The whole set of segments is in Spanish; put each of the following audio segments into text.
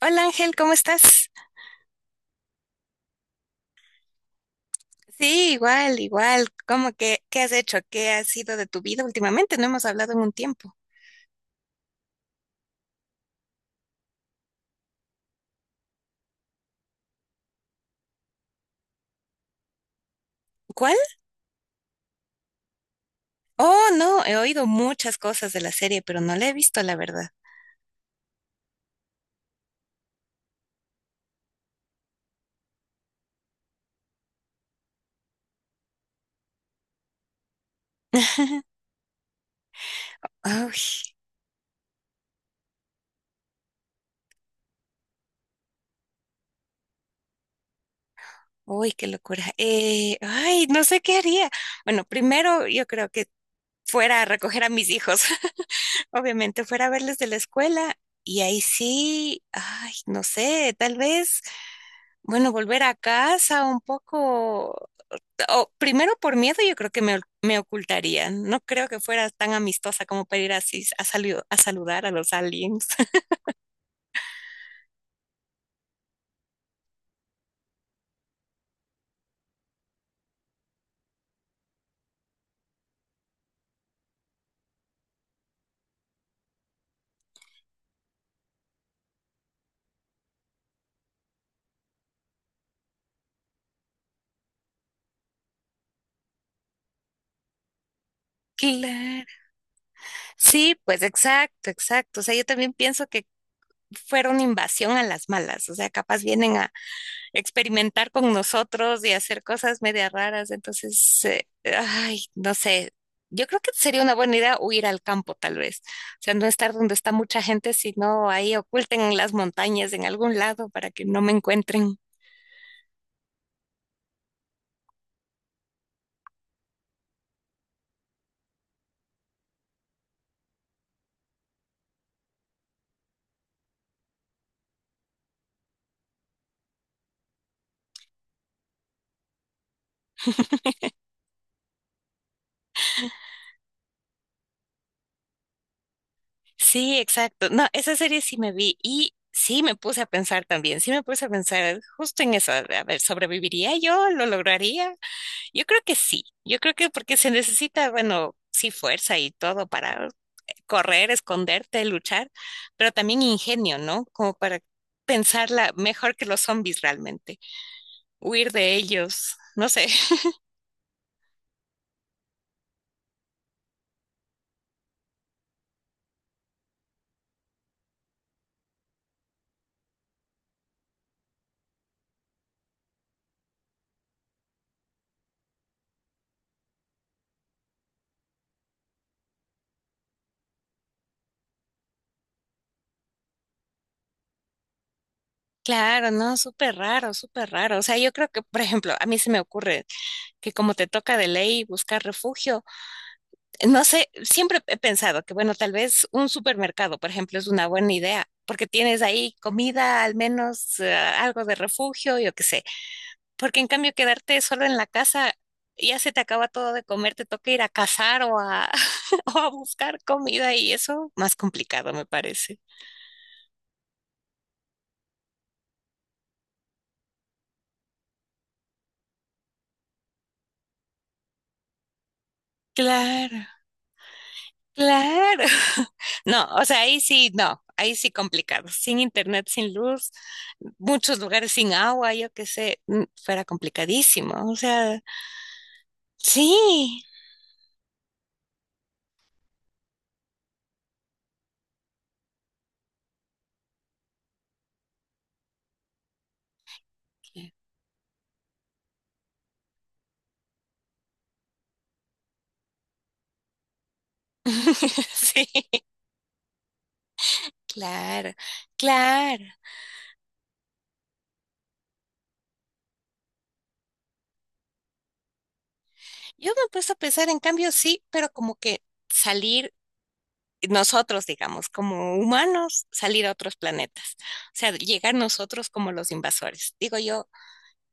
Hola Ángel, ¿cómo estás? Sí, igual, igual. ¿Cómo que qué has hecho? ¿Qué ha sido de tu vida últimamente? No hemos hablado en un tiempo. ¿Cuál? Oh, no, he oído muchas cosas de la serie, pero no la he visto, la verdad. Uy, uy, qué locura. Ay, no sé qué haría. Bueno, primero yo creo que fuera a recoger a mis hijos, obviamente, fuera a verles de la escuela y ahí sí, ay, no sé, tal vez, bueno, volver a casa un poco, o primero por miedo yo creo que me ocultaría. No creo que fuera tan amistosa como para ir así a, a saludar a los aliens. Claro. Sí, pues exacto, exacto. O sea, yo también pienso que fuera una invasión a las malas. O sea, capaz vienen a experimentar con nosotros y hacer cosas media raras. Entonces, ay, no sé. Yo creo que sería una buena idea huir al campo, tal vez. O sea, no estar donde está mucha gente, sino ahí oculten en las montañas, en algún lado, para que no me encuentren. Sí, exacto. No, esa serie sí me vi y sí me puse a pensar también, sí me puse a pensar justo en eso. A ver, ¿sobreviviría yo? ¿Lo lograría? Yo creo que sí. Yo creo que porque se necesita, bueno, sí, fuerza y todo para correr, esconderte, luchar, pero también ingenio, ¿no? Como para pensarla mejor que los zombies realmente, huir de ellos. No sé. Claro, no, súper raro, súper raro. O sea, yo creo que, por ejemplo, a mí se me ocurre que como te toca de ley buscar refugio. No sé, siempre he pensado que, bueno, tal vez un supermercado, por ejemplo, es una buena idea, porque tienes ahí comida, al menos algo de refugio, yo qué sé. Porque en cambio, quedarte solo en la casa, ya se te acaba todo de comer, te toca ir a cazar o a, o a buscar comida y eso, más complicado, me parece. Claro. Claro. No, o sea, ahí sí, no, ahí sí complicado. Sin internet, sin luz, muchos lugares sin agua, yo qué sé, fuera complicadísimo. O sea, sí. Sí, claro, claro. Yo me he puesto a pensar, en cambio, sí, pero como que salir nosotros, digamos, como humanos, salir a otros planetas. O sea, llegar nosotros como los invasores. Digo yo,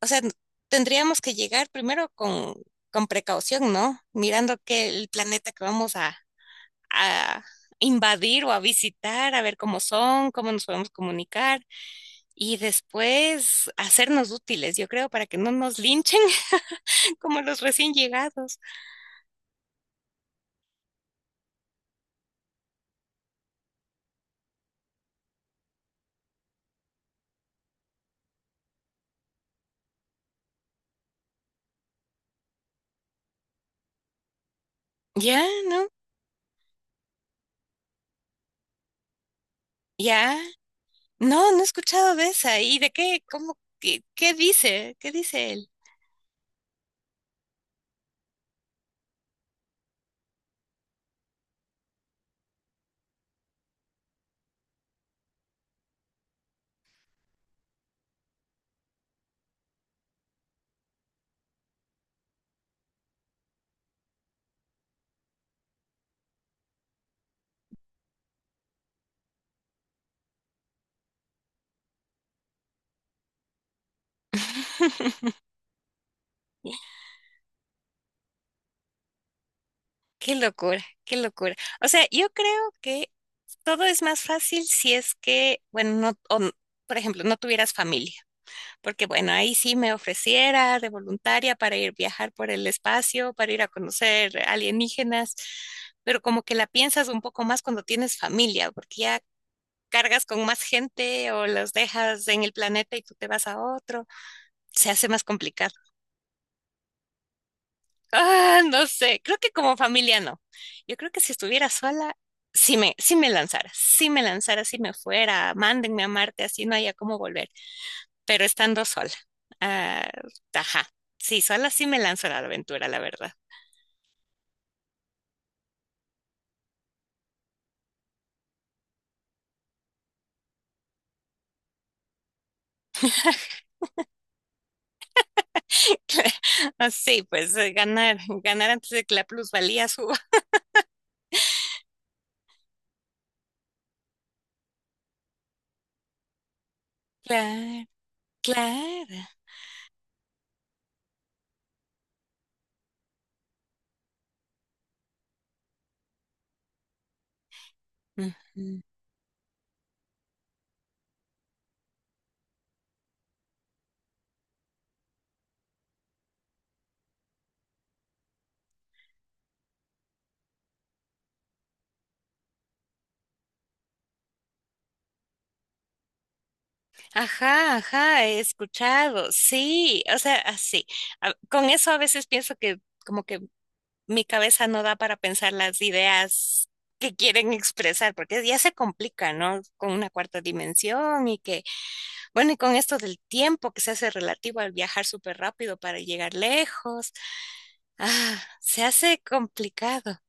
o sea, tendríamos que llegar primero con precaución, ¿no? Mirando que el planeta que vamos a invadir o a visitar, a ver cómo son, cómo nos podemos comunicar y después hacernos útiles, yo creo, para que no nos linchen como los recién llegados. Ya, ¿no? Ya. No, no he escuchado de esa. ¿Y de qué? ¿Cómo? ¿Qué, qué dice? ¿Qué dice él? Qué locura, qué locura. O sea, yo creo que todo es más fácil si es que, bueno, no, por ejemplo, no tuvieras familia, porque bueno, ahí sí me ofreciera de voluntaria para ir viajar por el espacio, para ir a conocer alienígenas, pero como que la piensas un poco más cuando tienes familia, porque ya cargas con más gente o los dejas en el planeta y tú te vas a otro, se hace más complicado. Ah, no sé, creo que como familia no. Yo creo que si estuviera sola, sí me lanzara, si me fuera, mándenme a Marte, así no haya cómo volver, pero estando sola. Ah, ajá, sí, sola sí me lanzo a la aventura, la verdad. Así, pues ganar antes de que la plusvalía suba. Claro, claro. Ujú. Ajá, ajá, he escuchado, sí, o sea, así. Con eso a veces pienso que como que mi cabeza no da para pensar las ideas que quieren expresar, porque ya se complica, ¿no? Con una cuarta dimensión y que, bueno, y con esto del tiempo que se hace relativo al viajar súper rápido para llegar lejos, ah, se hace complicado.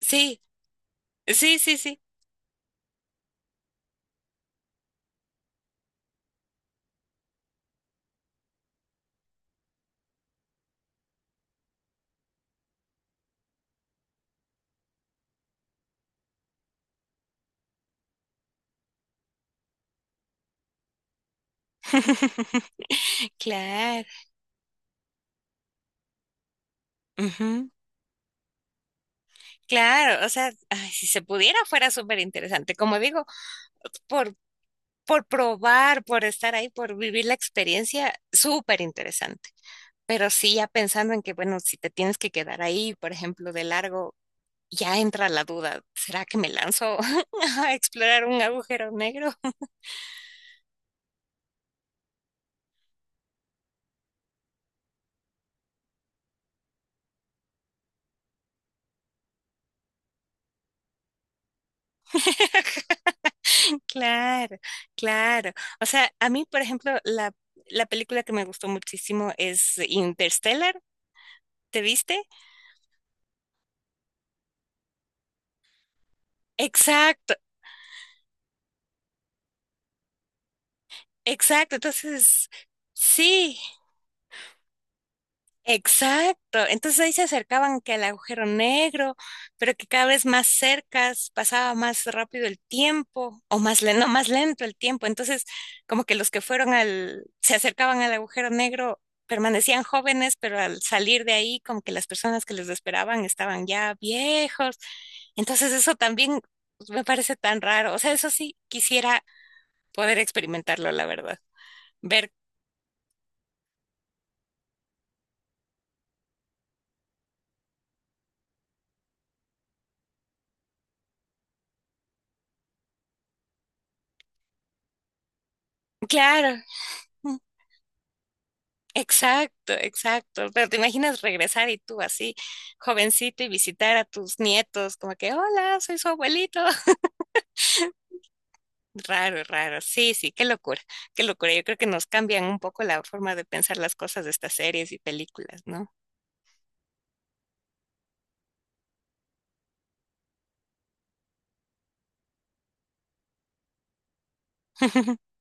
Sí, sí, sí, sí. Claro. Ujú. Claro, o sea, ay, si se pudiera fuera súper interesante. Como digo, por, por probar, por estar ahí, por vivir la experiencia, súper interesante. Pero sí, ya pensando en que, bueno, si te tienes que quedar ahí, por ejemplo, de largo, ya entra la duda, ¿será que me lanzo a explorar un agujero negro? Claro, claro. O sea, a mí, por ejemplo, la película que me gustó muchísimo es Interstellar. ¿Te viste? Exacto, exacto. Entonces, sí. Exacto. Entonces ahí se acercaban que al agujero negro, pero que cada vez más cercas pasaba más rápido el tiempo, o más lento el tiempo. Entonces, como que los que fueron al, se acercaban al agujero negro permanecían jóvenes, pero al salir de ahí, como que las personas que les esperaban estaban ya viejos. Entonces, eso también me parece tan raro. O sea, eso sí quisiera poder experimentarlo, la verdad. Ver, claro. Exacto, exacto. Pero te imaginas regresar y tú así, jovencito, y visitar a tus nietos, como que, hola, soy su abuelito. Raro, raro. Sí, sí, qué locura, qué locura. Yo creo que nos cambian un poco la forma de pensar las cosas de estas series y películas, ¿no?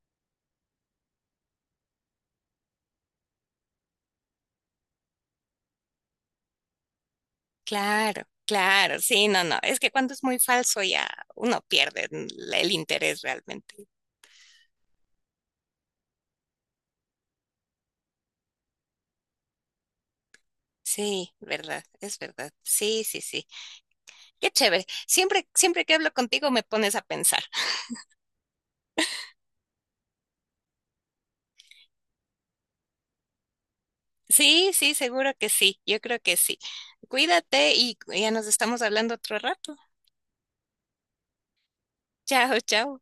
Claro, claro, sí, no, no. Es que cuando es muy falso ya uno pierde el interés realmente. Sí, verdad, es verdad. Sí, sí, sí. Qué chévere. Siempre, siempre que hablo contigo me pones a pensar. Sí, sí, seguro que sí. Yo creo que sí. Cuídate y ya nos estamos hablando otro rato. Chao, chao.